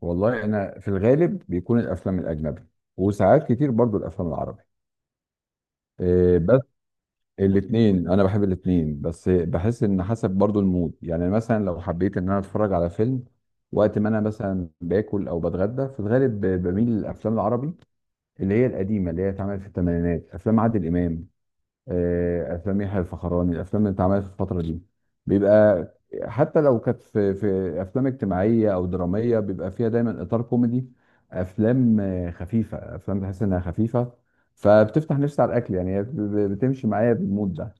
والله انا في الغالب بيكون الافلام الاجنبي، وساعات كتير برضو الافلام العربي. إيه، بس الاثنين، انا بحب الاثنين، بس بحس ان حسب برضو المود. يعني مثلا لو حبيت ان انا اتفرج على فيلم وقت ما انا مثلا باكل او بتغدى، في الغالب بميل للافلام العربي، اللي هي القديمه، اللي هي اتعملت في الثمانينات، افلام عادل امام، افلام يحيى الفخراني، الافلام اللي اتعملت في الفتره دي بيبقى حتى لو كانت في افلام اجتماعيه او دراميه بيبقى فيها دايما اطار كوميدي. افلام خفيفه، افلام تحس انها خفيفه، فبتفتح نفسي على الاكل. يعني هي بتمشي معايا بالمود ده.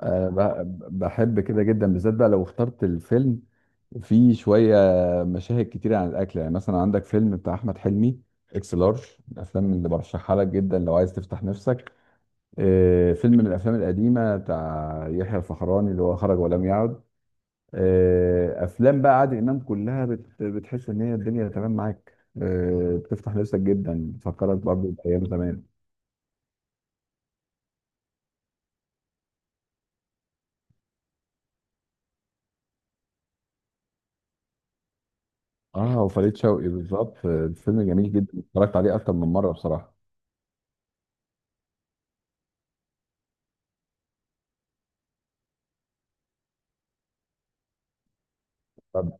بحب كده جدا، بالذات بقى لو اخترت الفيلم فيه شويه مشاهد كتيره عن الاكل. يعني مثلا عندك فيلم بتاع احمد حلمي، اكس لارج، الافلام اللي برشحها لك جدا لو عايز تفتح نفسك. فيلم من الافلام القديمه بتاع يحيى الفخراني، اللي هو خرج ولم يعد. افلام بقى عادل امام كلها بتحس ان هي الدنيا تمام معاك. بتفتح نفسك جدا، بتفكرك برضه بايام زمان. اه، وفريد شوقي بالظبط. آه، الفيلم جميل جدا، اتفرجت عليه اكتر من مره بصراحه. طب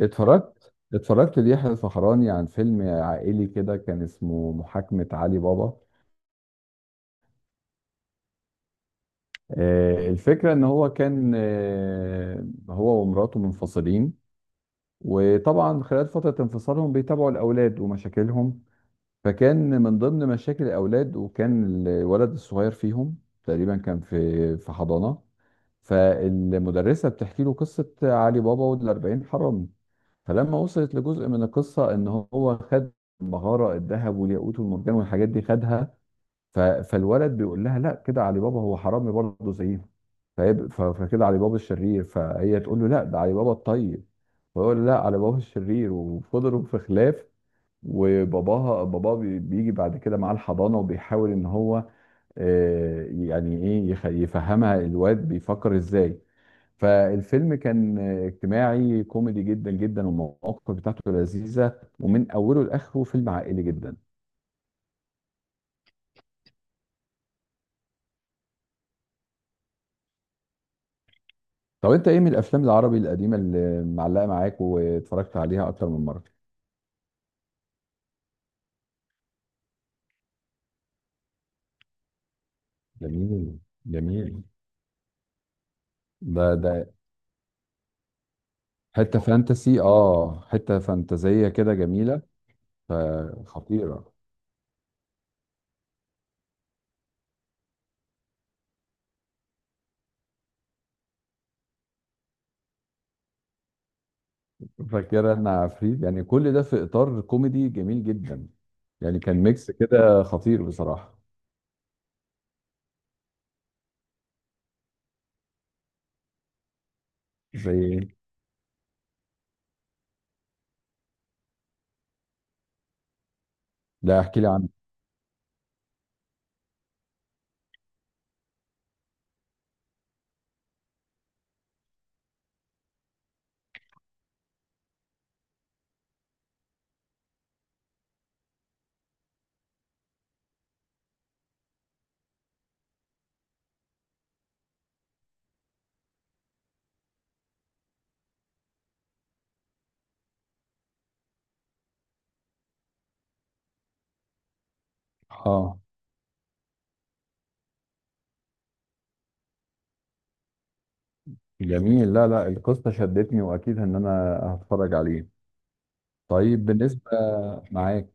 اتفرجت ليحيى الفخراني عن فيلم عائلي كده، كان اسمه محاكمة علي بابا. الفكرة ان هو كان، هو ومراته منفصلين، وطبعا خلال فترة انفصالهم بيتابعوا الأولاد ومشاكلهم. فكان من ضمن مشاكل الأولاد، وكان الولد الصغير فيهم تقريبا كان في حضانة، فالمدرسة بتحكي له قصة علي بابا والأربعين حرامي. فلما وصلت لجزء من القصة إن هو خد المهارة، الذهب والياقوت والمرجان والحاجات دي خدها، فالولد بيقول لها لا، كده علي بابا هو حرامي برضه زيه، فكده علي بابا الشرير، فهي تقول له لا، ده علي بابا الطيب، فيقول لا، علي بابا الشرير، وفضلوا في خلاف. باباه بيجي بعد كده معاه الحضانه، وبيحاول ان هو، آه، يعني ايه، يفهمها الواد بيفكر ازاي. فالفيلم كان آه، اجتماعي كوميدي جدا جدا، والمواقف بتاعته لذيذه، ومن اوله لاخره فيلم عائلي جدا. طب انت ايه من الافلام العربي القديمه اللي معلقه معاك واتفرجت عليها اكتر من مره؟ جميل، جميل. ده حته فانتسي اه حته فانتازيه كده جميله، فخطيره. فاكره ان عفريت، يعني كل ده في اطار كوميدي جميل جدا. يعني كان ميكس كده خطير بصراحه. زي، لا احكي لي عنه. اه، جميل. لا، القصه شدتني، واكيد ان انا هتفرج عليه. طيب بالنسبه، معاك.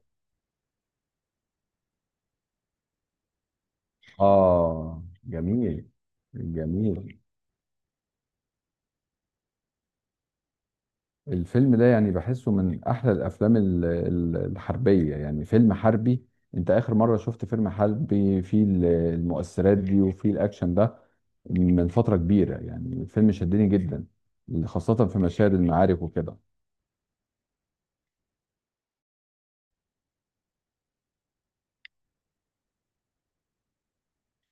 آه، جميل، جميل. الفيلم ده يعني بحسه من أحلى الأفلام الحربية، يعني فيلم حربي. أنت آخر مرة شفت فيلم حربي فيه المؤثرات دي، وفيه الأكشن ده؟ من فترة كبيرة. يعني الفيلم شدني جدا، خاصة في مشاهد المعارك وكده.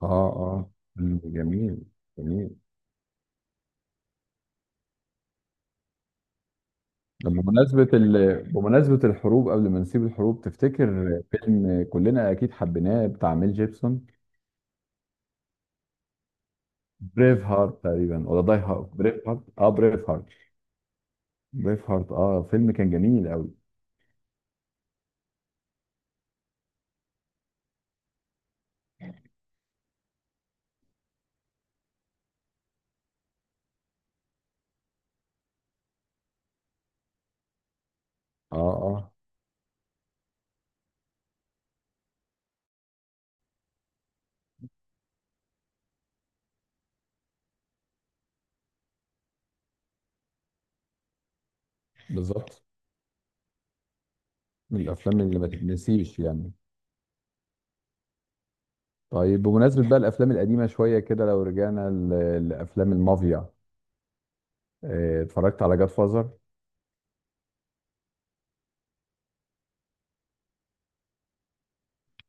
آه، آه، مم، جميل، جميل. طب بمناسبة بمناسبة الحروب، قبل ما نسيب الحروب، تفتكر فيلم كلنا أكيد حبيناه بتاع ميل جيبسون؟ بريف هارت تقريبا، ولا داي هارت؟ بريف هارت، اه، بريف هارت. بريف هارت، اه، فيلم كان جميل قوي. اه، اه، بالظبط. من الافلام اللي ما تتنسيش يعني. طيب بمناسبه بقى الافلام القديمه شويه كده، لو رجعنا لافلام المافيا، آه، اتفرجت على جاد فازر؟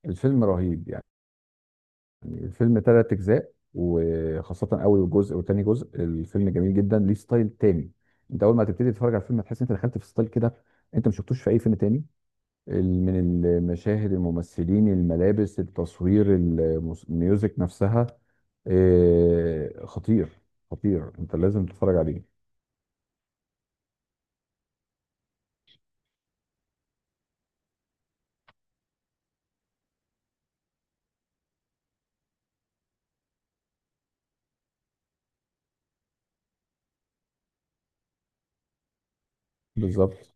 الفيلم رهيب يعني. الفيلم ثلاث اجزاء، وخاصه اول جزء وتاني جزء، الفيلم جميل جدا، ليه ستايل تاني. انت اول ما تبتدي تتفرج على الفيلم هتحس انت دخلت في ستايل كده انت ما شفتوش في اي فيلم تاني. من المشاهد، الممثلين، الملابس، التصوير، الميوزك نفسها. آه، خطير، خطير، انت لازم تتفرج عليه. بالظبط.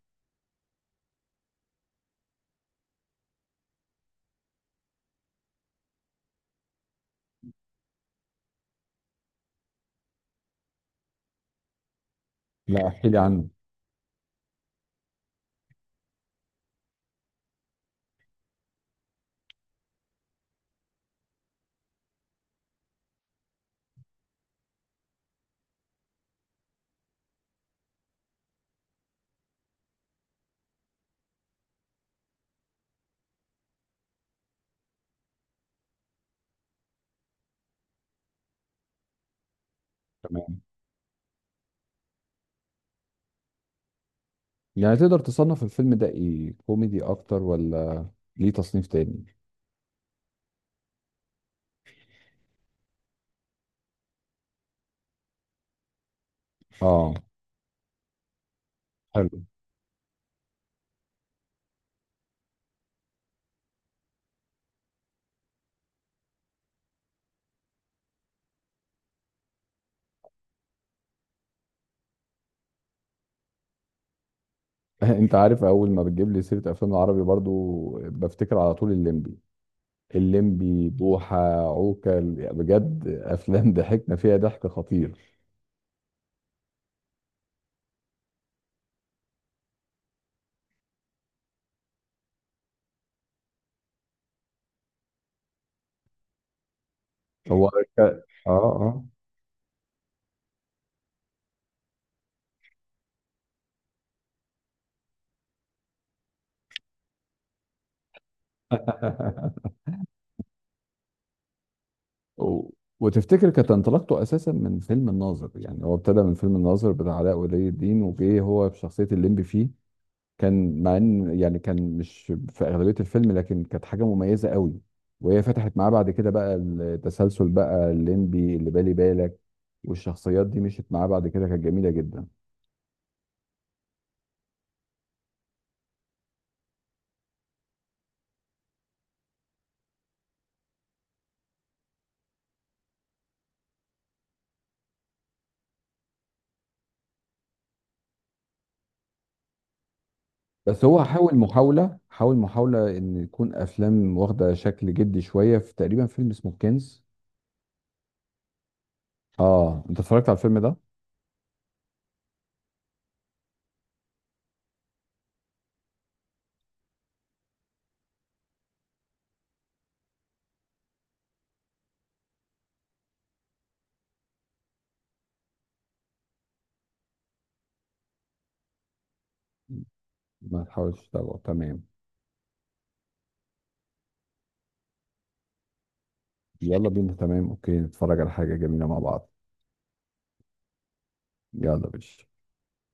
لا احكي لي عنه. تمام. يعني تقدر تصنف الفيلم ده ايه، كوميدي اكتر ولا ليه تصنيف تاني؟ اه، حلو. انت عارف اول ما بتجيب لي سيره افلام العربي برضو بفتكر على طول الليمبي، الليمبي بوحة، عوكل. بجد افلام ضحكنا فيها ضحك خطير. هو اه، اه. و- وتفتكر كانت انطلاقته اساسا من فيلم الناظر؟ يعني هو ابتدى من فيلم الناظر بتاع علاء ولي الدين، وجه هو بشخصيه الليمبي فيه. كان مع ان يعني كان مش في اغلبيه الفيلم، لكن كانت حاجه مميزه قوي، وهي فتحت معاه بعد كده بقى التسلسل بقى الليمبي اللي بالي بالك، والشخصيات دي مشيت معاه بعد كده، كانت جميله جدا. بس هو حاول محاوله ان يكون افلام واخده شكل جدي شويه في تقريبا فيلم اسمه كنز. اه، انت اتفرجت على الفيلم ده؟ ما تحاولش تتابعه، تمام. يلا بينا، تمام، اوكي، نتفرج على حاجة جميلة مع بعض. يلا بينا.